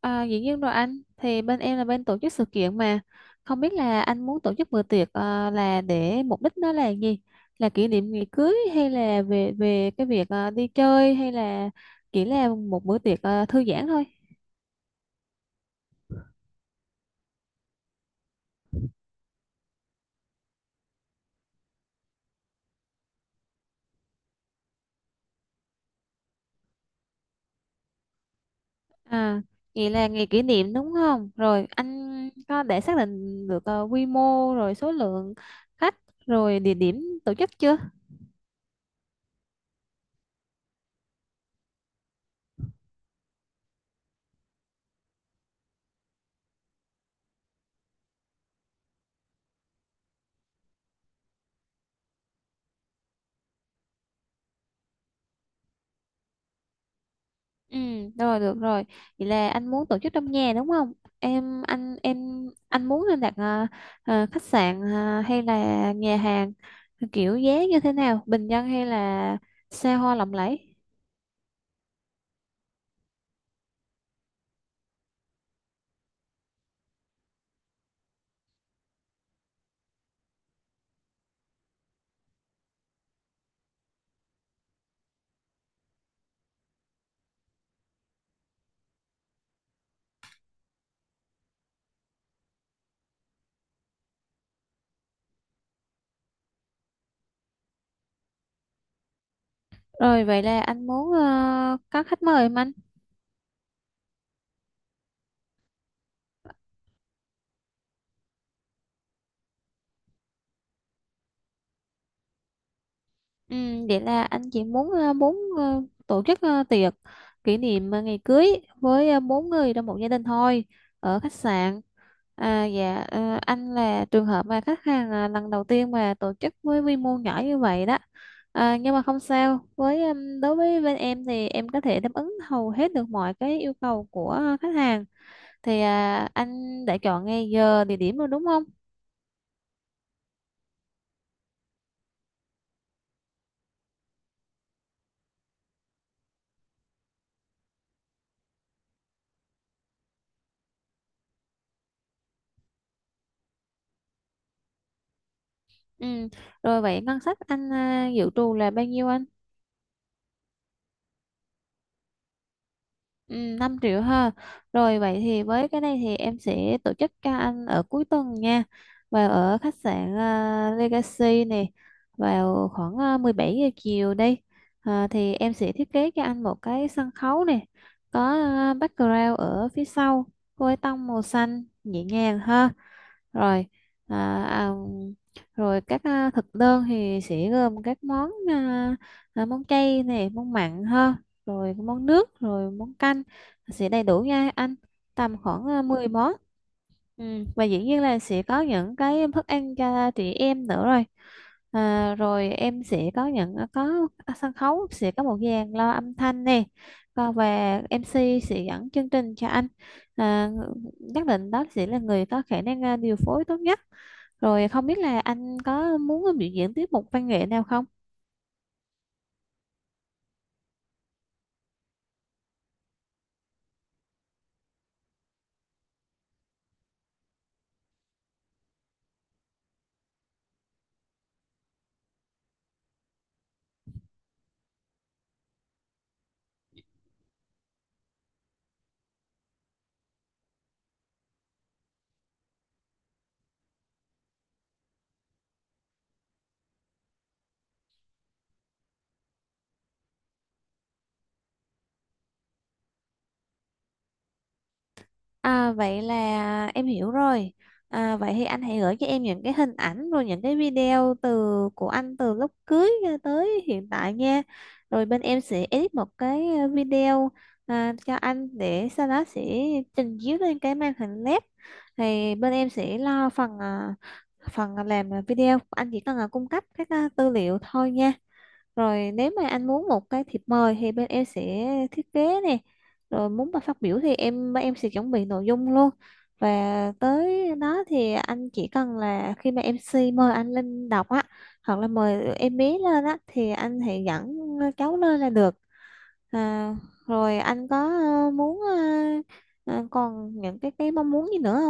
À, dĩ nhiên rồi anh. Thì bên em là bên tổ chức sự kiện mà không biết là anh muốn tổ chức bữa tiệc là để mục đích nó là gì, là kỷ niệm ngày cưới hay là về về cái việc đi chơi hay là chỉ là một bữa tiệc thư giãn thôi. à Vậy là ngày kỷ niệm đúng không rồi anh? Có để xác định được quy mô rồi số lượng khách rồi địa điểm tổ chức chưa? Ừ, rồi được rồi. Vậy là anh muốn tổ chức trong nhà đúng không? Anh, anh muốn nên đặt khách sạn hay là nhà hàng kiểu giá như thế nào? Bình dân hay là xa hoa lộng lẫy? Rồi vậy là anh muốn có khách mời không anh? Ừ, vậy là anh chị muốn tổ chức tiệc kỷ niệm ngày cưới với bốn người trong một gia đình thôi, ở khách sạn. À, dạ, anh là trường hợp mà khách hàng lần đầu tiên mà tổ chức với quy mô nhỏ như vậy đó. À, nhưng mà không sao. Với đối với bên em thì em có thể đáp ứng hầu hết được mọi cái yêu cầu của khách hàng. Thì, anh đã chọn ngày giờ địa điểm rồi đúng không? Ừ. Rồi vậy ngân sách anh dự trù là bao nhiêu anh? Ừ, 5 triệu ha. Rồi vậy thì với cái này thì em sẽ tổ chức cho anh ở cuối tuần nha. Vào ở khách sạn Legacy này, vào khoảng 17 giờ chiều đi. À, thì em sẽ thiết kế cho anh một cái sân khấu này, có background ở phía sau với tông màu xanh nhẹ nhàng ha. Rồi. À, à, rồi các thực đơn thì sẽ gồm các món, món chay này, món mặn ha, rồi món nước rồi món canh sẽ đầy đủ nha anh, tầm khoảng 10 món. Ừ. Và dĩ nhiên là sẽ có những cái thức ăn cho chị em nữa rồi. Rồi em sẽ có những có sân khấu, sẽ có một dàn loa âm thanh nè. Còn và MC sẽ dẫn chương trình cho anh, à, nhất định đó sẽ là người có khả năng điều phối tốt nhất. Rồi không biết là anh có muốn biểu diễn tiết mục văn nghệ nào không? À, vậy là em hiểu rồi. À, vậy thì anh hãy gửi cho em những cái hình ảnh rồi những cái video từ của anh, từ lúc cưới cho tới hiện tại nha. Rồi bên em sẽ edit một cái video, cho anh để sau đó sẽ trình chiếu lên cái màn hình LED. Thì bên em sẽ lo phần làm video. Anh chỉ cần cung cấp các tư liệu thôi nha. Rồi nếu mà anh muốn một cái thiệp mời thì bên em sẽ thiết kế nè. Rồi muốn mà phát biểu thì bên em sẽ chuẩn bị nội dung luôn. Và tới đó thì anh chỉ cần là khi mà em MC mời anh lên đọc á, hoặc là mời em bé lên á thì anh hãy dẫn cháu lên là được. À, rồi anh có ờ, muốn ờ, còn những cái mong muốn gì nữa?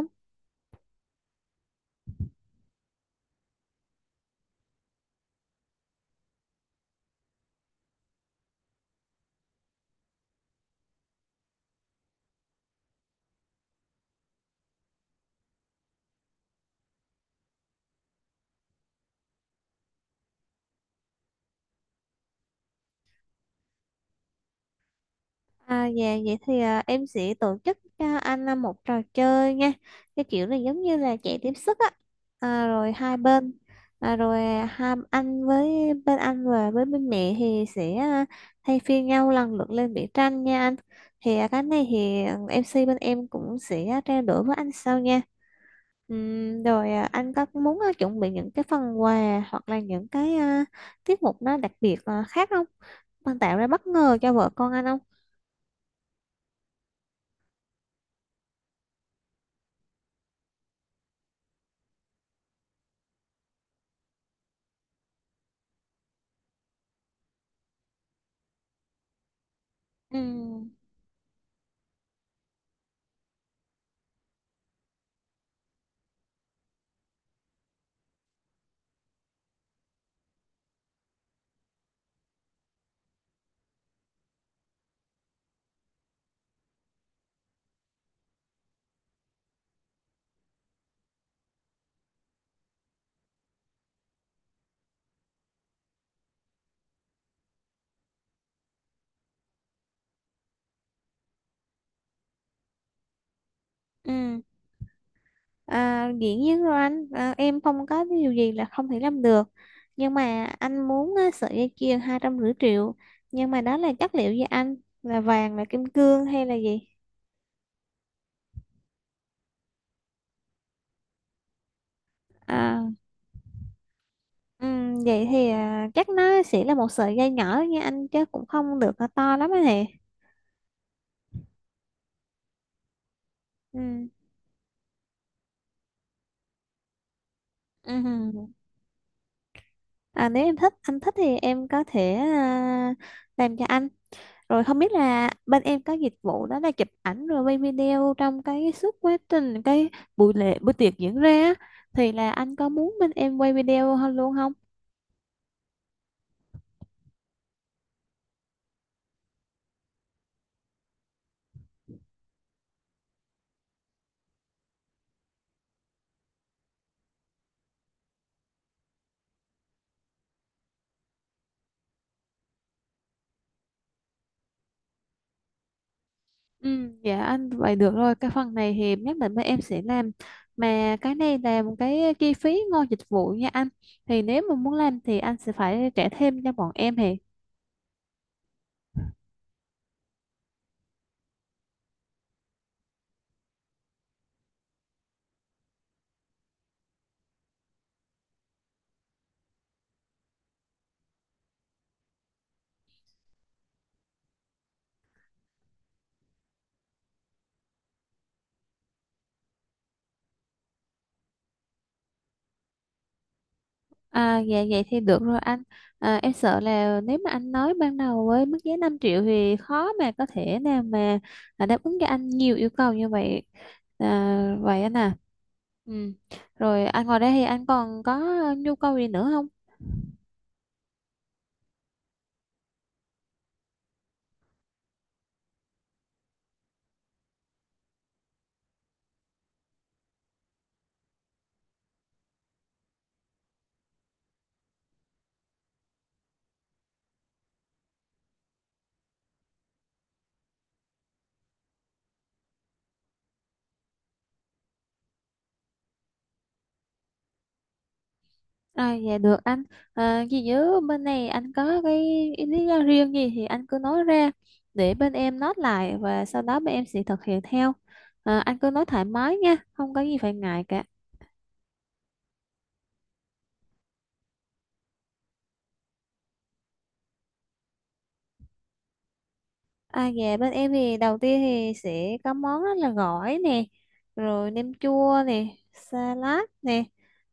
À, dạ vậy thì em sẽ tổ chức cho anh một trò chơi nha, cái kiểu này giống như là chạy tiếp sức á. Rồi hai bên, à, rồi à, hai anh với bên anh và với bên mẹ thì sẽ thay phiên nhau lần lượt lên vẽ tranh nha anh. Thì cái này thì MC bên em cũng sẽ trao đổi với anh sau nha. Rồi, anh có muốn chuẩn bị những cái phần quà hoặc là những cái tiết mục nó đặc biệt khác không? Bạn tạo ra bất ngờ cho vợ con anh không? Ừ. Ừ, dĩ nhiên rồi anh, em không có cái điều gì là không thể làm được. Nhưng mà anh muốn á, sợi dây chuyền 250 triệu, nhưng mà đó là chất liệu gì anh, là vàng, là kim cương hay là gì? à, ừ, Vậy thì chắc nó sẽ là một sợi dây nhỏ nha anh, chứ cũng không được to lắm anh nè. Ừ. Ừ. À, nếu em thích anh thích thì em có thể làm cho anh. Rồi không biết là bên em có dịch vụ đó là chụp ảnh rồi quay video trong cái suốt quá trình cái buổi lễ buổi tiệc diễn ra á, thì là anh có muốn bên em quay video hơn luôn không? Ừ, dạ anh, vậy được rồi, cái phần này thì nhất định bên em sẽ làm. Mà cái này là một cái chi phí ngoài dịch vụ nha anh, thì nếu mà muốn làm thì anh sẽ phải trả thêm cho bọn em thì. À, dạ vậy thì được rồi anh. Em sợ là nếu mà anh nói ban đầu với mức giá 5 triệu thì khó mà có thể nào mà đáp ứng cho anh nhiều yêu cầu như vậy. Vậy anh. Ừ. Rồi anh ngồi đây thì anh còn có nhu cầu gì nữa không? Dạ được anh. Ghi nhớ bên này anh có cái lý do riêng gì thì anh cứ nói ra để bên em note lại, và sau đó bên em sẽ thực hiện theo. Anh cứ nói thoải mái nha, không có gì phải ngại cả. À, dạ bên em thì đầu tiên thì sẽ có món đó là gỏi nè, rồi nem chua nè, salad nè.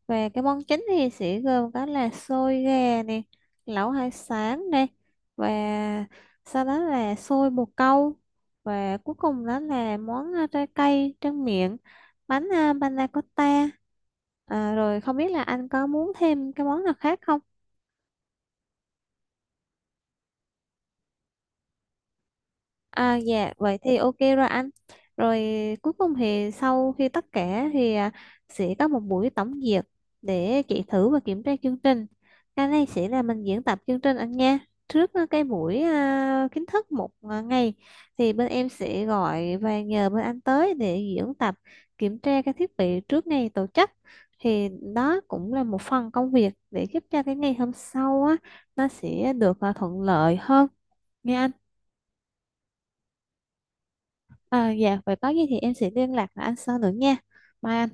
Và cái món chính thì sẽ gồm có là xôi gà nè, lẩu hải sản nè, và sau đó là xôi bồ câu, và cuối cùng đó là món trái cây tráng miệng, bánh panna cotta. À, rồi không biết là anh có muốn thêm cái món nào khác không? À, dạ vậy thì ok rồi anh. Rồi cuối cùng thì sau khi tất cả thì sẽ có một buổi tổng duyệt, để chị thử và kiểm tra chương trình. Cái này sẽ là mình diễn tập chương trình anh nha. Trước cái buổi kiến thức một ngày thì bên em sẽ gọi và nhờ bên anh tới để diễn tập, kiểm tra cái thiết bị trước ngày tổ chức. Thì đó cũng là một phần công việc để giúp cho cái ngày hôm sau á, nó sẽ được thuận lợi hơn. Nha anh. À, dạ, vậy có gì thì em sẽ liên lạc với anh sau nữa nha. Mai